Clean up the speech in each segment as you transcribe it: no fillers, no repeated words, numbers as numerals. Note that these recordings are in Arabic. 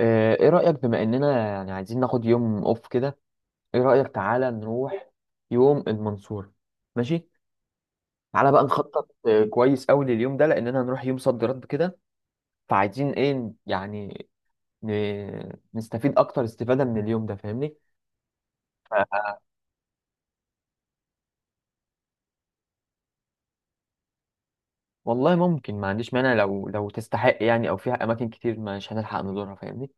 ايه رأيك بما اننا يعني عايزين ناخد يوم اوف كده. ايه رأيك تعالى نروح يوم المنصورة. ماشي. تعالى بقى نخطط كويس قوي لليوم ده، لاننا هنروح يوم صد رد كده. فعايزين ايه يعني؟ نستفيد اكتر استفادة من اليوم ده، فاهمني. ف- والله ممكن، ما عنديش مانع، لو تستحق يعني، او فيها اماكن كتير مش هنلحق نزورها، فاهمني.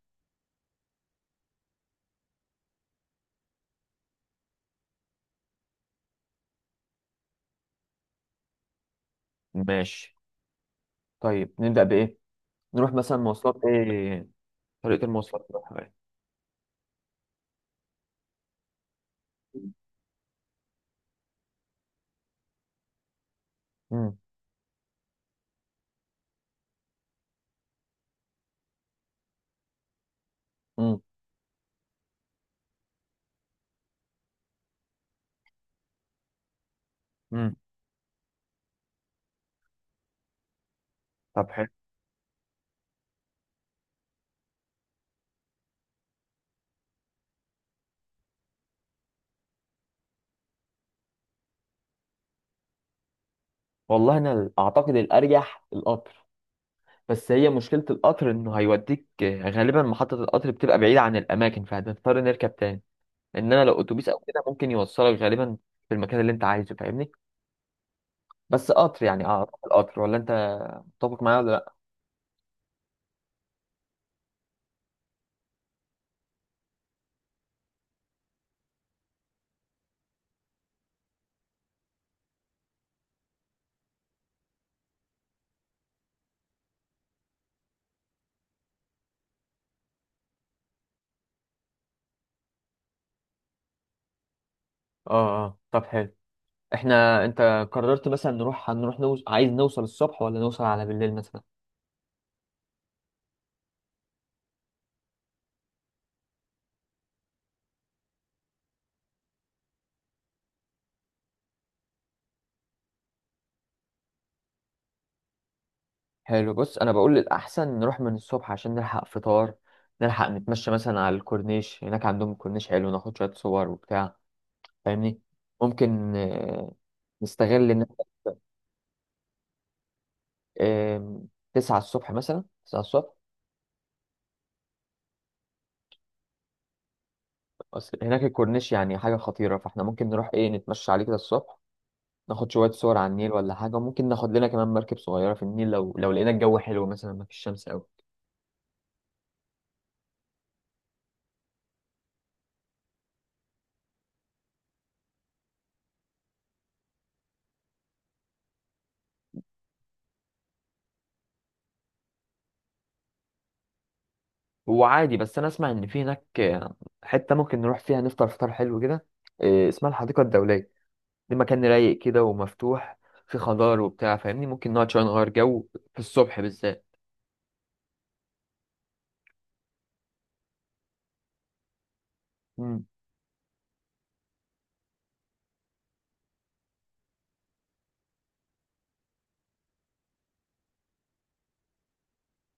ماشي. طيب نبدأ بايه؟ نروح مثلا مواصلات ايه؟ طريقة المواصلات نروحها ايه؟ مم، مم، مم. طب حلو. والله انا اعتقد الارجح القطر، بس هي مشكلة القطر انه هيوديك غالبا محطة القطر بتبقى بعيدة عن الاماكن، فهتضطر نركب تاني. انما لو اتوبيس او كده ممكن يوصلك غالبا في المكان اللي انت عايزه، فاهمني. بس قطر يعني، اعتقد القطر، ولا انت متفق معايا ولا لا؟ اه، اه، طب حلو. احنا انت قررت مثلا نروح، هنروح عايز نوصل الصبح ولا نوصل على بالليل مثلا؟ حلو، بص انا بقول الاحسن نروح من الصبح عشان نلحق فطار، نلحق نتمشى مثلا على الكورنيش. هناك عندهم كورنيش حلو، ناخد شوية صور وبتاع، فاهمني. ممكن نستغل ان آه، 9 الصبح مثلا، 9 الصبح. أصل هناك الكورنيش يعني حاجة خطيرة، فاحنا ممكن نروح ايه نتمشى عليه كده الصبح، ناخد شوية صور على النيل ولا حاجة، وممكن ناخد لنا كمان مركب صغيرة في النيل، لو لقينا الجو حلو مثلا، ما فيش شمس قوي. هو عادي، بس انا اسمع ان في هناك حتة ممكن نروح فيها نفطر فطار حلو كده، اسمها الحديقة الدولية. دي مكان رايق كده ومفتوح، في خضار وبتاع، فاهمني، ممكن نقعد شوية نغير جو في الصبح بالذات. مم.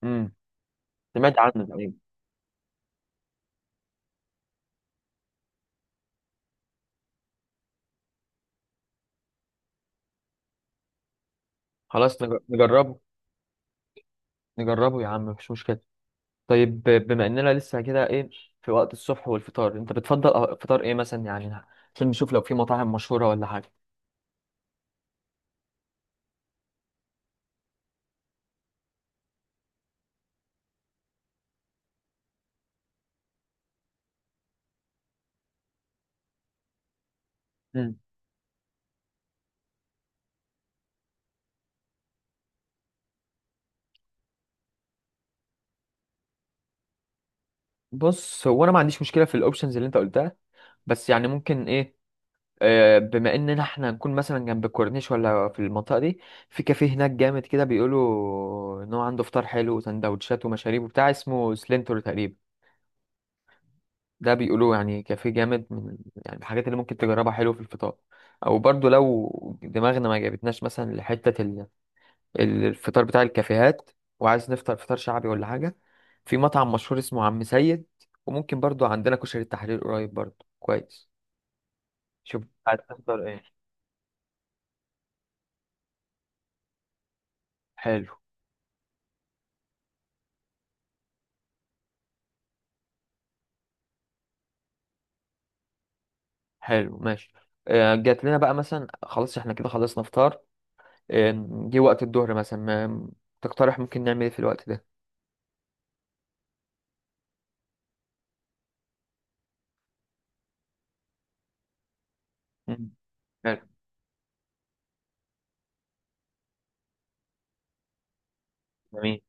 مم. سمعت عنه تقريبا. خلاص نجربه. نجربه يا عم، مفيش مشكلة. طيب بما اننا لسه كده ايه، في وقت الصبح والفطار، انت بتفضل فطار ايه مثلا يعني؟ عشان نشوف لو في مطاعم مشهورة ولا حاجة. مم. بص هو انا ما عنديش مشكلة في الاوبشنز اللي انت قلتها، بس يعني ممكن ايه، بما اننا احنا نكون مثلا جنب الكورنيش ولا في المنطقة دي، في كافيه هناك جامد كده، بيقولوا ان هو عنده فطار حلو وسندوتشات ومشاريب وبتاع، اسمه سلينتور تقريبا. ده بيقولوا يعني كافيه جامد، من يعني الحاجات اللي ممكن تجربها، حلو في الفطار. او برضو لو دماغنا ما جابتناش مثلا لحتة الفطار بتاع الكافيهات، وعايز نفطر فطار شعبي ولا حاجة، في مطعم مشهور اسمه عم سيد. وممكن برضو عندنا كشري التحرير قريب برضو كويس. شوف عايز تفطر ايه. حلو. حلو، ماشي. جات لنا بقى مثلا، خلاص احنا كده خلصنا فطار، آه، جه وقت الظهر مثلا. ما- تقترح ممكن نعمل ايه في الوقت ده؟ مم. حلو. جميل.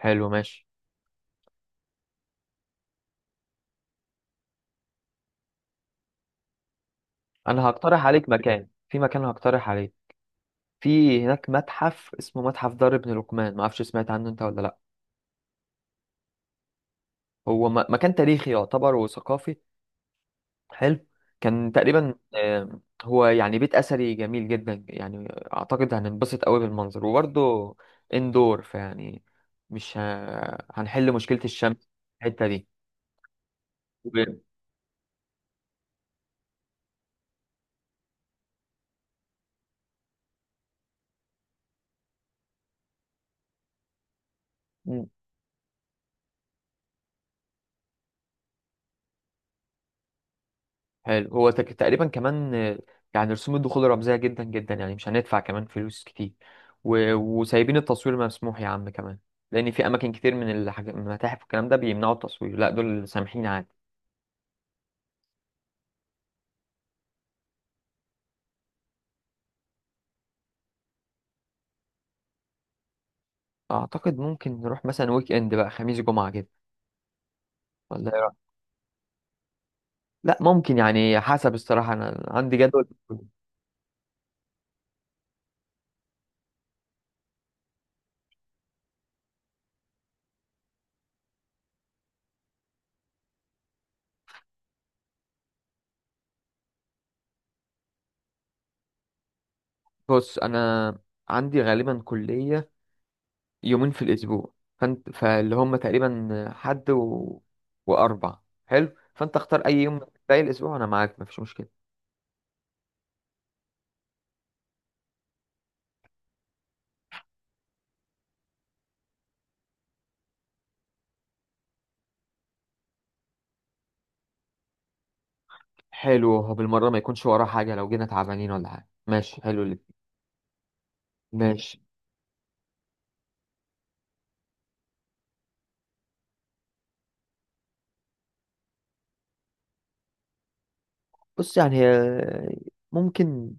حلو ماشي. انا هقترح عليك مكان، في مكان هقترح عليك. في هناك متحف اسمه متحف دار ابن لقمان، ما اعرفش سمعت عنه انت ولا لا. هو مكان تاريخي يعتبر وثقافي. حلو. كان تقريبا، هو يعني بيت اثري جميل جدا يعني. اعتقد هننبسط قوي بالمنظر، وبرضه اندور فيعني مش هنحل مشكلة الشمس في الحتة دي. حلو، هو تقريبا كمان يعني رسوم الدخول رمزية جدا جدا يعني، مش هندفع كمان فلوس كتير، وسايبين التصوير مسموح يا عم كمان. لأن في أماكن كتير من من المتاحف والكلام ده بيمنعوا التصوير، لا دول سامحين عادي. أعتقد ممكن نروح مثلا ويك إند بقى، خميس جمعة كده، ولا إيه رأيك؟ لا ممكن، يعني حسب، الصراحة أنا عندي جدول. بص أنا عندي غالبا كلية يومين في الأسبوع، فانت، فاللي هم تقريبا حد وأربع. حلو، فأنت اختار أي يوم من باقي الأسبوع وأنا معاك مفيش مشكلة. حلو، هو بالمرة ما يكونش وراه حاجة لو جينا تعبانين ولا حاجة. ماشي، حلو اللي. ماشي. بص يعني ممكن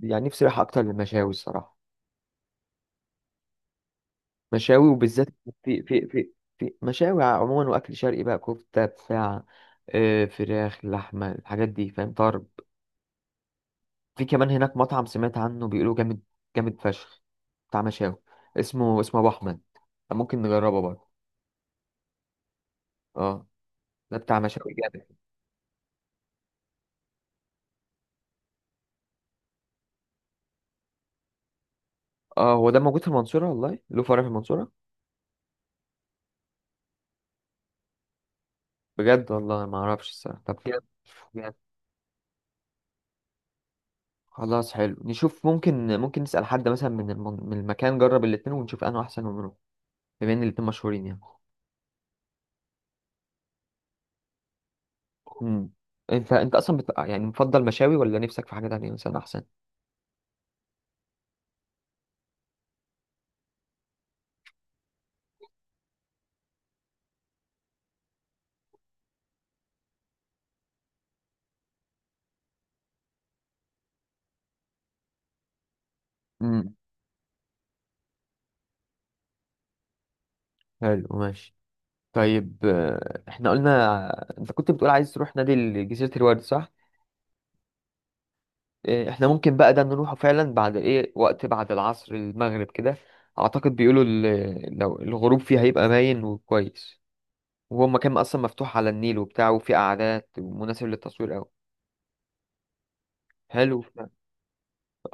يعني نفسي رايحة أكتر للمشاوي الصراحة. مشاوي، وبالذات في في في في مشاوي عموما، وأكل شرقي بقى، كفتة، بتاع، فراخ، لحمة، الحاجات دي، فاهم طرب. في كمان هناك مطعم سمعت عنه بيقولوا جامد، جامد فشخ، بتاع مشاوي، اسمه ابو احمد، ممكن نجربه برضه. اه، ده بتاع مشاوي جامد. اه، هو ده موجود في المنصورة؟ والله له فرع في المنصورة؟ بجد؟ والله ما اعرفش الصراحة. طب بجد، بجد؟ خلاص حلو، نشوف، ممكن نسأل حد مثلا من من المكان جرب الاتنين ونشوف انه احسن ونروح، بما ان الاتنين مشهورين يعني. امم. انت اصلا يعني مفضل مشاوي ولا نفسك في حاجة تانية مثلا احسن؟ امم. حلو ماشي. طيب، احنا قلنا، انت كنت بتقول عايز تروح نادي جزيرة الورد، صح؟ احنا ممكن بقى ده نروحه فعلا بعد ايه وقت، بعد العصر، المغرب كده. اعتقد بيقولوا لو الغروب فيه هيبقى باين وكويس، وهو مكان اصلا مفتوح على النيل وبتاع، وفيه قعدات ومناسب للتصوير قوي. حلو فعلا.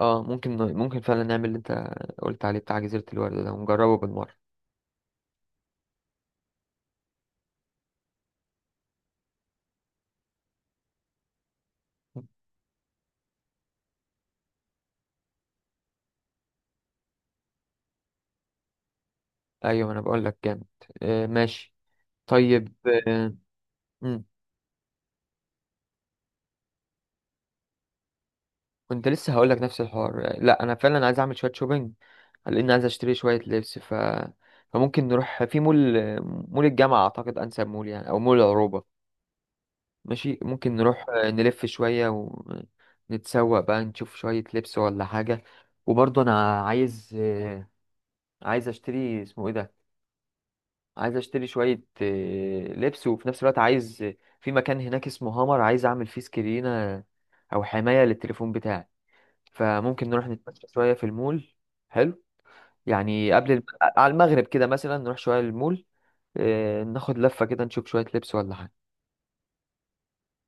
اه، ممكن فعلا نعمل اللي انت قلت عليه بتاع جزيرة الورد ده، ونجربه بالمرة. ايوه انا بقول لك جامد. ماشي. طيب. آه، مم. كنت لسه هقول لك نفس الحوار، لا انا فعلا عايز اعمل شويه شوبينج، لان عايز اشتري شويه لبس، فممكن نروح في مول. مول الجامعه اعتقد انسب مول يعني، او مول العروبه. ماشي، ممكن نروح نلف شويه ونتسوق بقى، نشوف شويه لبس ولا حاجه. وبرضه انا عايز اشتري، اسمه ايه ده، عايز اشتري شويه لبس، وفي نفس الوقت عايز، في مكان هناك اسمه هامر، عايز اعمل فيه سكرينه او حمايه للتليفون بتاعي، فممكن نروح نتمشى شوية في المول. حلو. يعني قبل على المغرب كده مثلا نروح شوية المول. ناخد لفة كده، نشوف شوية لبس ولا حاجة.